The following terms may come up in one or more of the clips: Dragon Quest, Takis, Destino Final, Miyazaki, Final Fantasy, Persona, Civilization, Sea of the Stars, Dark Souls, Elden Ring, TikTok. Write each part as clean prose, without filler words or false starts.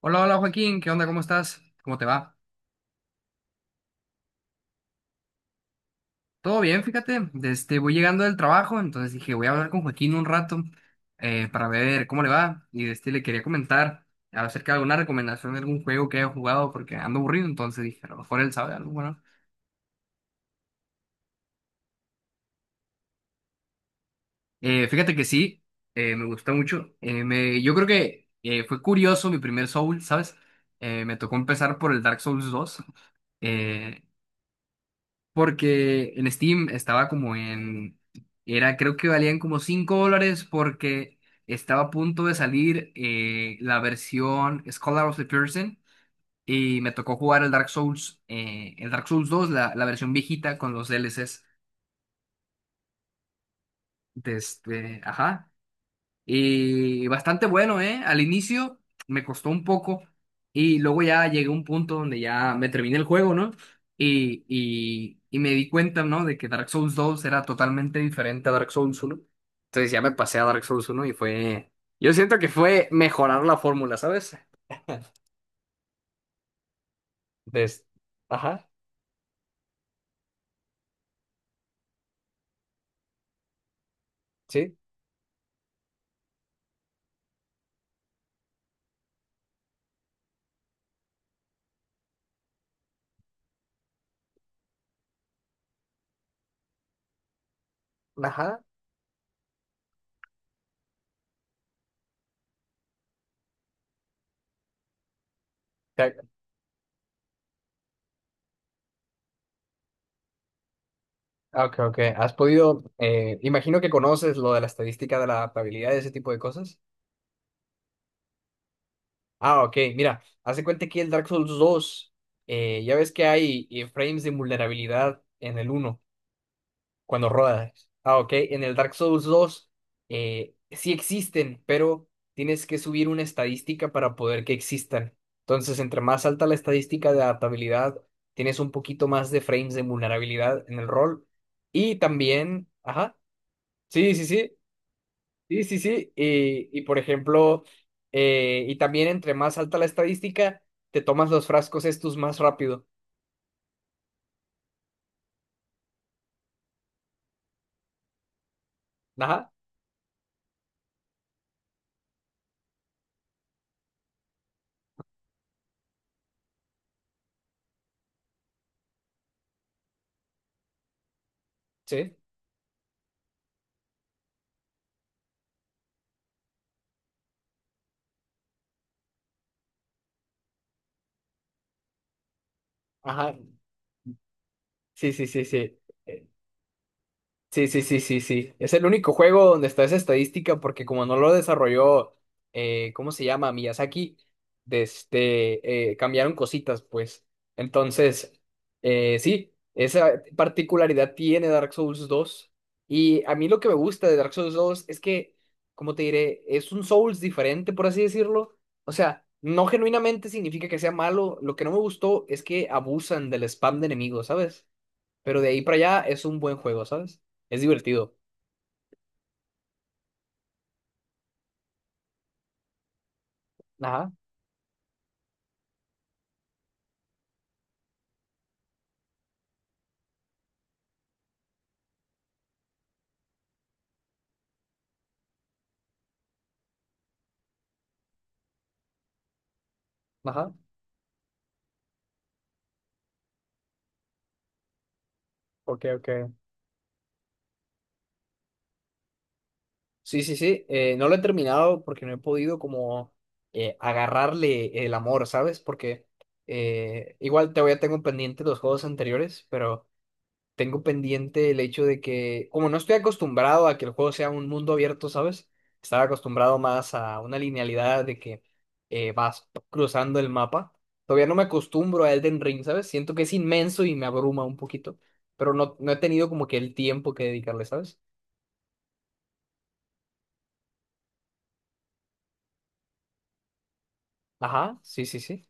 Hola, hola Joaquín, ¿qué onda? ¿Cómo estás? ¿Cómo te va? Todo bien, fíjate. Voy llegando del trabajo, entonces dije, voy a hablar con Joaquín un rato para ver cómo le va. Y le quería comentar acerca de alguna recomendación de algún juego que haya jugado porque ando aburrido, entonces dije, a lo mejor él sabe algo, bueno. Fíjate que sí, me gustó mucho. Yo creo que fue curioso mi primer Soul, ¿sabes? Me tocó empezar por el Dark Souls dos. eh, Porque en Steam estaba creo que valían como 5 dólares porque estaba a punto de salir la versión Scholar of the Person y me tocó jugar el Dark Souls 2, la versión viejita con los DLCs. Ajá. Y bastante bueno, ¿eh? Al inicio me costó un poco y luego ya llegué a un punto donde ya me terminé el juego, ¿no? Y me di cuenta, ¿no? De que Dark Souls dos era totalmente diferente a Dark Souls uno. Entonces ya me pasé a Dark Souls uno y fue. Yo siento que fue mejorar la fórmula, ¿sabes? Des- Ajá, sí, ajá. Ca- Ok, ok. ¿Has podido, imagino que conoces lo de la estadística de la adaptabilidad y ese tipo de cosas? Ah, ok, mira, hace cuenta que el Dark Souls dos, ya ves que hay frames de vulnerabilidad en el uno cuando rodas. Ah, ok, en el Dark Souls dos, sí existen, pero tienes que subir una estadística para poder que existan. Entonces, entre más alta la estadística de adaptabilidad, tienes un poquito más de frames de vulnerabilidad en el rol. Y también, ajá, sí, sí, sí. Sí, sí, sí. Y por ejemplo, y también entre más alta la estadística, te tomas los frascos estos más rápido. Ajá, sí. Ajá. Sí, sí, sí, sí. Sí, sí, sí, sí, sí. Es el único juego donde está esa estadística porque como no lo desarrolló, ¿cómo se llama? Miyazaki, cambiaron cositas, pues. Entonces, sí, esa particularidad tiene Dark Souls dos. Y a mí lo que me gusta de Dark Souls dos es que, como te diré, es un Souls diferente, por así decirlo. O sea, no genuinamente significa que sea malo. Lo que no me gustó es que abusan del spam de enemigos, ¿sabes? Pero de ahí para allá es un buen juego, ¿sabes? Es divertido. Ajá, ajá. Ok, ok. Sí, sí, sí. No lo he terminado porque no he podido como agarrarle el amor, ¿sabes? Porque igual te voy a tengo pendiente los juegos anteriores, pero tengo pendiente el hecho de que, como no estoy acostumbrado a que el juego sea un mundo abierto, ¿sabes? Estaba acostumbrado más a una linealidad de que vas cruzando el mapa. Todavía no me acostumbro a Elden Ring, ¿sabes? Siento que es inmenso y me abruma un poquito, pero no, no he tenido como que el tiempo que dedicarle, ¿sabes? Ajá, sí, sí, sí.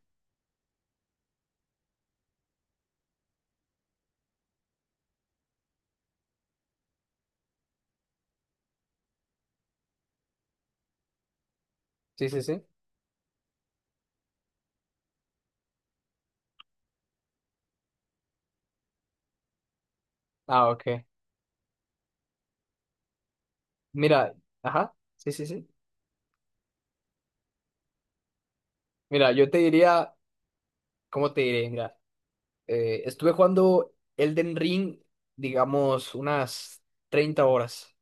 Sí, sí, sí. Ah, ok. Mira, ajá, sí, sí, sí. Mira, yo te diría, ¿cómo te diré? Mira. Estuve jugando Elden Ring, digamos, unas 30 horas.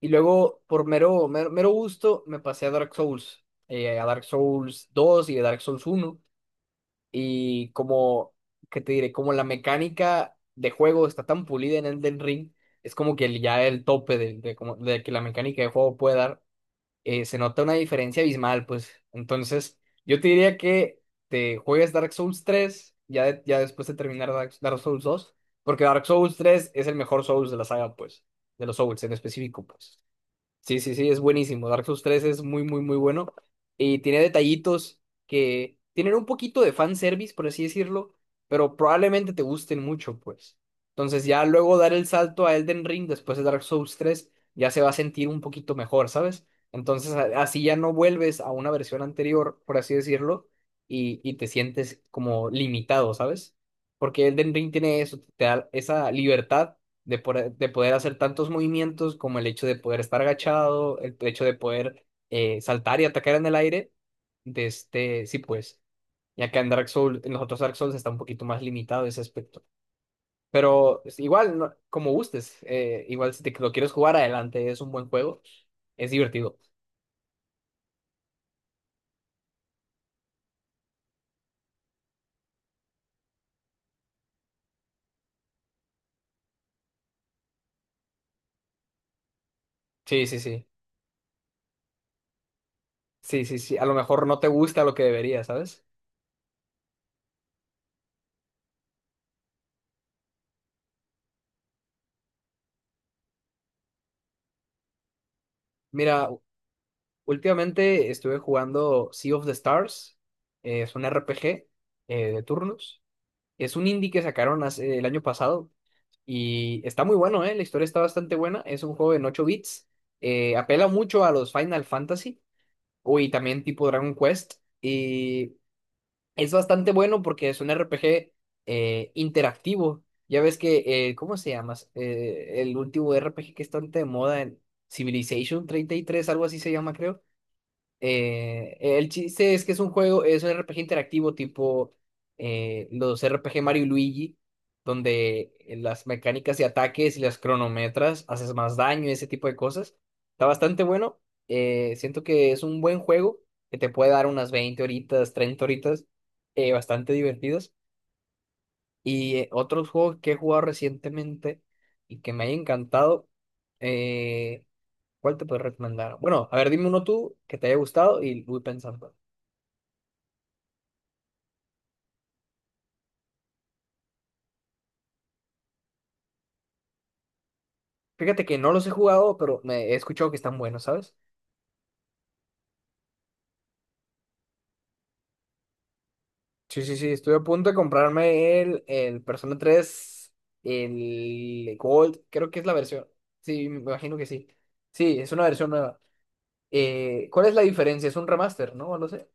Y luego, por mero, mero, mero gusto, me pasé a Dark Souls, a Dark Souls dos y a Dark Souls uno. Y como, ¿qué te diré? Como la mecánica de juego está tan pulida en Elden Ring, es como que ya el tope de de que la mecánica de juego puede dar se nota una diferencia abismal, pues. Entonces, yo te diría que te juegues Dark Souls tres ya, ya después de terminar Dark Souls dos, porque Dark Souls tres es el mejor Souls de la saga, pues, de los Souls en específico, pues. Sí, sí, sí, es buenísimo. Dark Souls tres es muy, muy, muy bueno. Y tiene detallitos que tienen un poquito de fanservice, por así decirlo, pero probablemente te gusten mucho, pues. Entonces ya luego dar el salto a Elden Ring después de Dark Souls tres ya se va a sentir un poquito mejor, ¿sabes? Entonces así ya no vuelves a una versión anterior, por así decirlo, y te sientes como limitado, ¿sabes? Porque Elden Ring tiene eso, te da esa libertad de poder hacer tantos movimientos como el hecho de poder estar agachado, el hecho de poder saltar y atacar en el aire. De este, sí, pues, ya que en Dark Souls, en los otros Dark Souls está un poquito más limitado ese aspecto. Pero es igual, como gustes, igual si te lo quieres jugar adelante, es un buen juego, es divertido. Sí, sí, sí. Sí, sí, sí. A lo mejor no te gusta lo que debería, ¿sabes? Mira, últimamente estuve jugando Sea of the Stars. Es un RPG de turnos. Es un indie que sacaron el año pasado y está muy bueno, ¿eh? La historia está bastante buena. Es un juego en 8 bits. Apela mucho a los Final Fantasy o y también tipo Dragon Quest. Y es bastante bueno porque es un RPG interactivo. Ya ves que, ¿cómo se llama? El último RPG que está bastante de moda en Civilization 33 algo así se llama, creo. El chiste es que es un R P G interactivo tipo los R P G Mario y Luigi, donde las mecánicas de ataques y las cronometras haces más daño, y ese tipo de cosas. Está bastante bueno. Siento que es un buen juego que te puede dar unas 20 horitas, 30 horitas, bastante divertidas. Y otros juegos que he jugado recientemente y que me haya encantado, eh, ¿cuál te puedo recomendar? Bueno, a ver, dime uno tú que te haya gustado y voy pensando. Fíjate que no los he jugado, pero me he escuchado que están buenos, ¿sabes? Sí, sí, sí, estoy a punto de comprarme el Persona tres el Gold, creo que es la versión. Sí, me imagino que sí. Sí, es una versión nueva. ¿Cuál es la diferencia? Es un remaster, ¿no? No sé.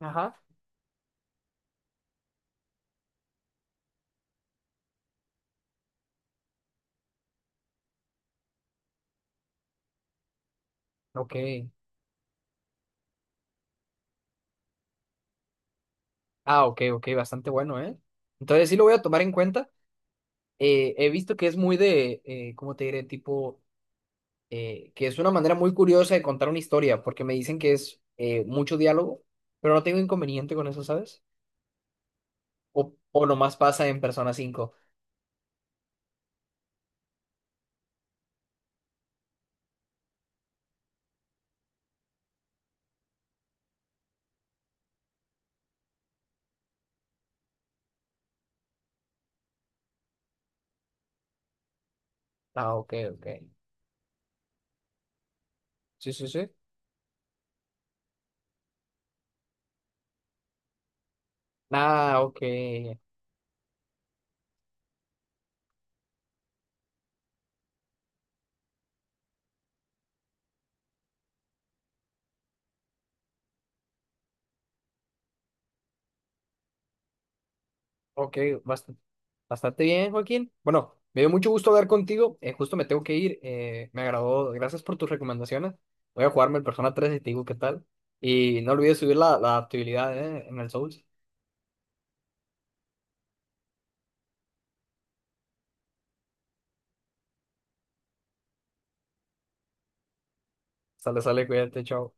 Ajá. Ok. Ah, ok, ok, bastante bueno, ¿eh? Entonces sí lo voy a tomar en cuenta. He visto que es muy de, ¿cómo te diré? Tipo. Que es una manera muy curiosa de contar una historia, porque me dicen que es mucho diálogo, pero no tengo inconveniente con eso, ¿sabes? O nomás pasa en Persona cinco. Ah, ok, ok. Sí, sí, sí. Ah, ok. Ok, bast- bastante bien, Joaquín. Bueno, me dio mucho gusto hablar contigo. Justo me tengo que ir. Me agradó. Gracias por tus recomendaciones. Voy a jugarme el Persona tres y te digo qué tal. Y no olvides subir la adaptabilidad, en el Souls. Sale, sale, cuídate, chao.